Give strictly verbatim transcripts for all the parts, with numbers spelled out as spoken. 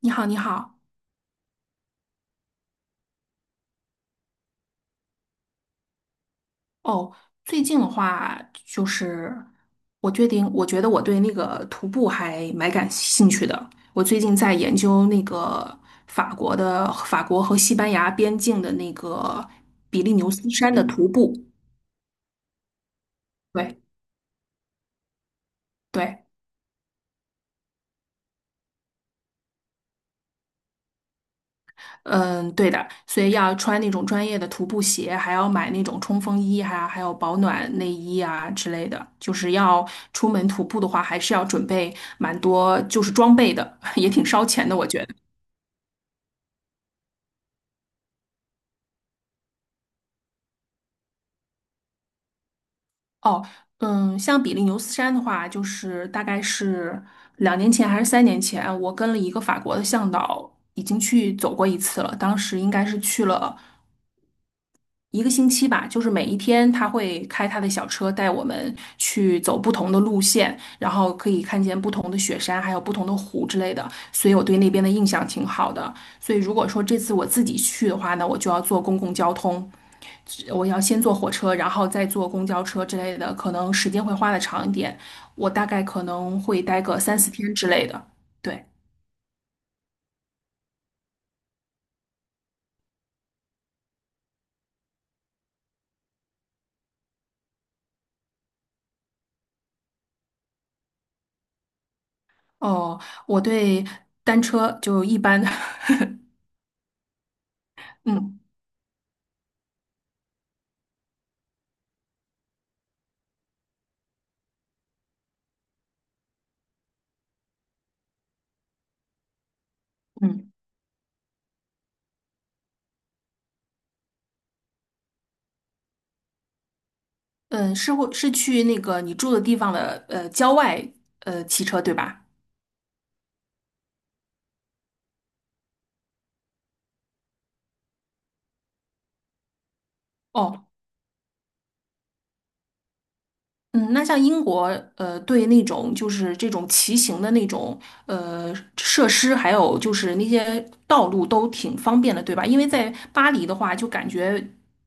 你好，你好。哦，最近的话，就是我决定，我觉得我对那个徒步还蛮感兴趣的。我最近在研究那个法国的法国和西班牙边境的那个比利牛斯山的徒步。对对。嗯，对的，所以要穿那种专业的徒步鞋，还要买那种冲锋衣啊，还有保暖内衣啊之类的。就是要出门徒步的话，还是要准备蛮多，就是装备的，也挺烧钱的，我觉得。哦，嗯，像比利牛斯山的话，就是大概是两年前还是三年前，我跟了一个法国的向导，已经去走过一次了。当时应该是去了一个星期吧，就是每一天他会开他的小车带我们去走不同的路线，然后可以看见不同的雪山，还有不同的湖之类的，所以我对那边的印象挺好的。所以如果说这次我自己去的话呢，我就要坐公共交通，我要先坐火车，然后再坐公交车之类的，可能时间会花的长一点，我大概可能会待个三四天之类的。对，哦，我对单车就一般，嗯。嗯。嗯，是会是去那个你住的地方的呃郊外呃骑车对吧？哦，嗯，那像英国，呃，对那种就是这种骑行的那种呃设施，还有就是那些道路都挺方便的，对吧？因为在巴黎的话，就感觉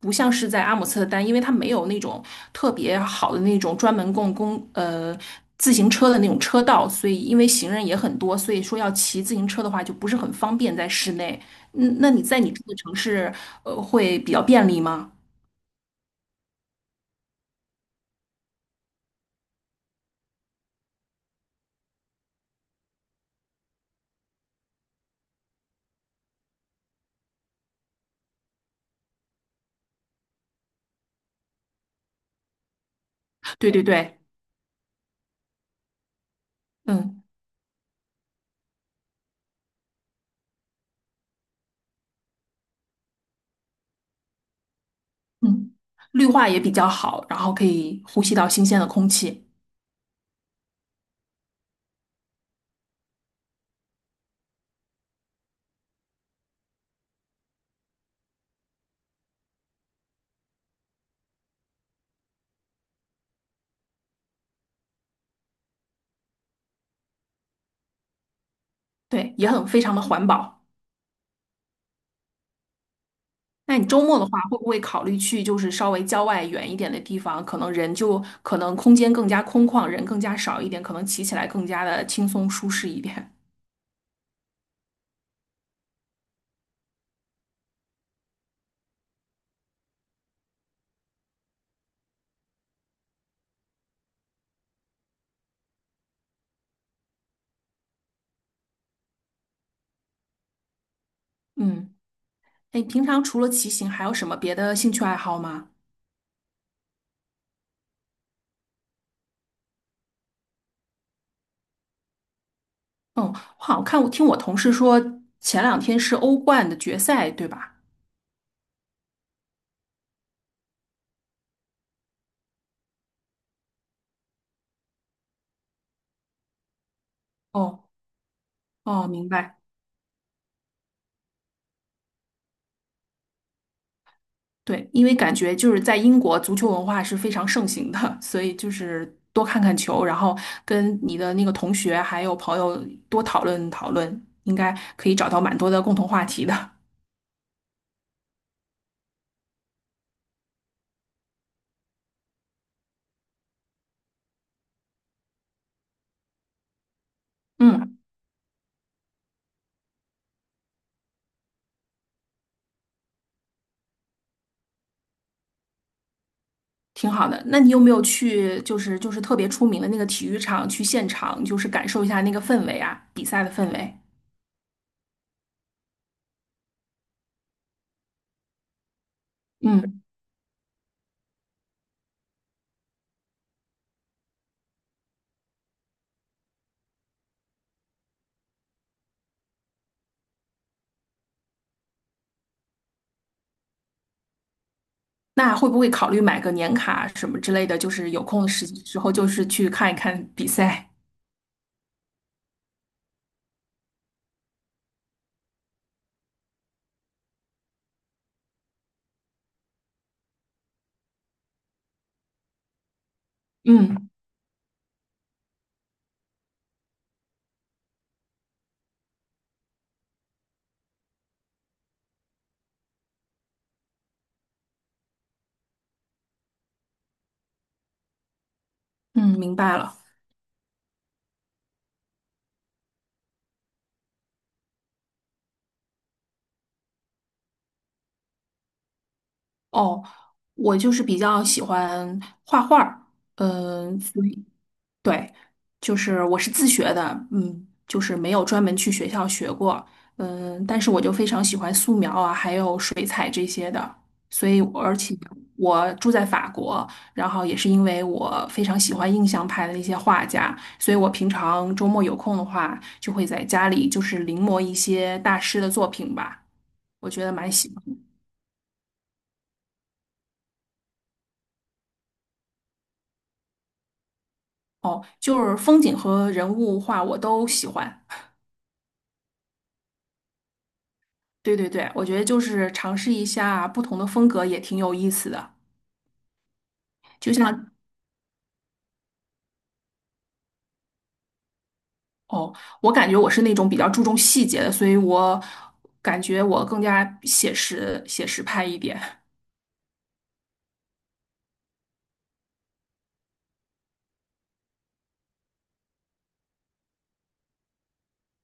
不像是在阿姆斯特丹，因为它没有那种特别好的那种专门供公呃自行车的那种车道，所以因为行人也很多，所以说要骑自行车的话就不是很方便在室内。嗯，那你在你住的城市，呃，会比较便利吗？对对对，嗯。嗯，绿化也比较好，然后可以呼吸到新鲜的空气，对，也很非常的环保。那你周末的话，会不会考虑去就是稍微郊外远一点的地方？可能人就可能空间更加空旷，人更加少一点，可能骑起来更加的轻松舒适一点。嗯，哎，平常除了骑行，还有什么别的兴趣爱好吗？嗯，我好像看，我听我同事说前两天是欧冠的决赛，对吧？哦哦，明白。对，因为感觉就是在英国足球文化是非常盛行的，所以就是多看看球，然后跟你的那个同学还有朋友多讨论讨论，应该可以找到蛮多的共同话题的。嗯，挺好的。那你有没有去就是就是特别出名的那个体育场去现场，就是感受一下那个氛围啊，比赛的氛围？嗯，那会不会考虑买个年卡什么之类的？就是有空的时时候就是去看一看比赛。嗯嗯，明白了。哦，我就是比较喜欢画画儿，嗯，所以对，就是我是自学的，嗯，就是没有专门去学校学过，嗯，但是我就非常喜欢素描啊，还有水彩这些的，所以而且我住在法国，然后也是因为我非常喜欢印象派的那些画家，所以我平常周末有空的话，就会在家里就是临摹一些大师的作品吧，我觉得蛮喜欢。哦，就是风景和人物画我都喜欢。对对对，我觉得就是尝试一下不同的风格也挺有意思的。就像哦，我感觉我是那种比较注重细节的，所以我感觉我更加写实写实派一点。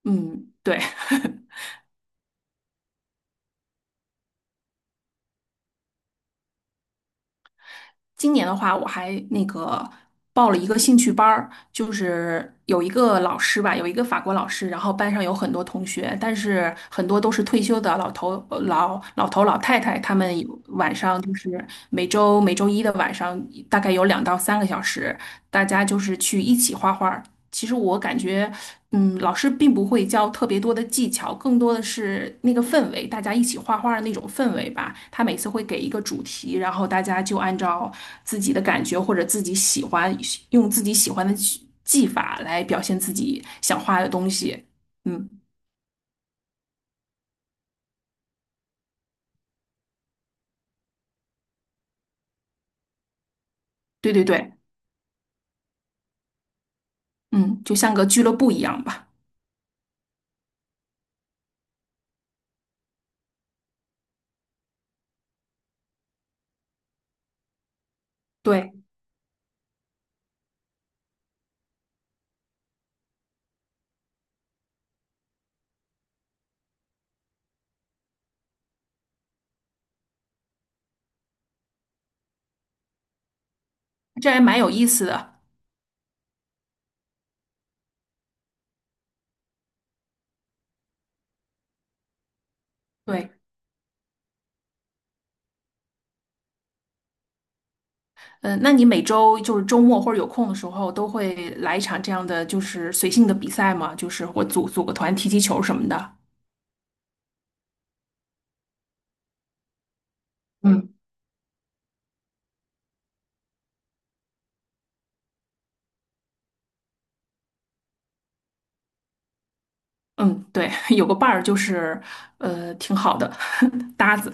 嗯，对。今年的话，我还那个报了一个兴趣班儿，就是有一个老师吧，有一个法国老师，然后班上有很多同学，但是很多都是退休的老头、呃老老头、老太太，他们有晚上就是每周每周一的晚上，大概有两到三个小时，大家就是去一起画画。其实我感觉，嗯，老师并不会教特别多的技巧，更多的是那个氛围，大家一起画画的那种氛围吧。他每次会给一个主题，然后大家就按照自己的感觉或者自己喜欢，用自己喜欢的技技法来表现自己想画的东西。嗯，对对对，嗯，就像个俱乐部一样吧。对，这还蛮有意思的。对。嗯，那你每周就是周末或者有空的时候，都会来一场这样的就是随性的比赛吗？就是我组组个团踢踢球什么的。嗯嗯，对，有个伴儿就是呃挺好的 搭子。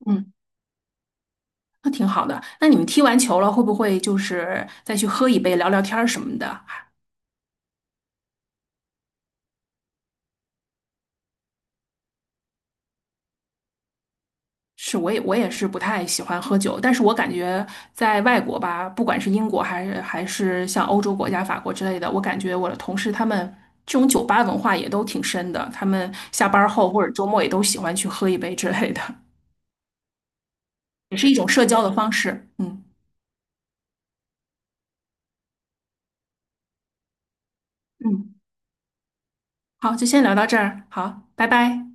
嗯，那挺好的。那你们踢完球了，会不会就是再去喝一杯、聊聊天儿什么的？是，我也我也是不太喜欢喝酒，但是我感觉在外国吧，不管是英国还是还是像欧洲国家，法国之类的，我感觉我的同事他们这种酒吧文化也都挺深的，他们下班后或者周末也都喜欢去喝一杯之类的，也是一种社交的方式。嗯嗯，好，就先聊到这儿，好，拜拜。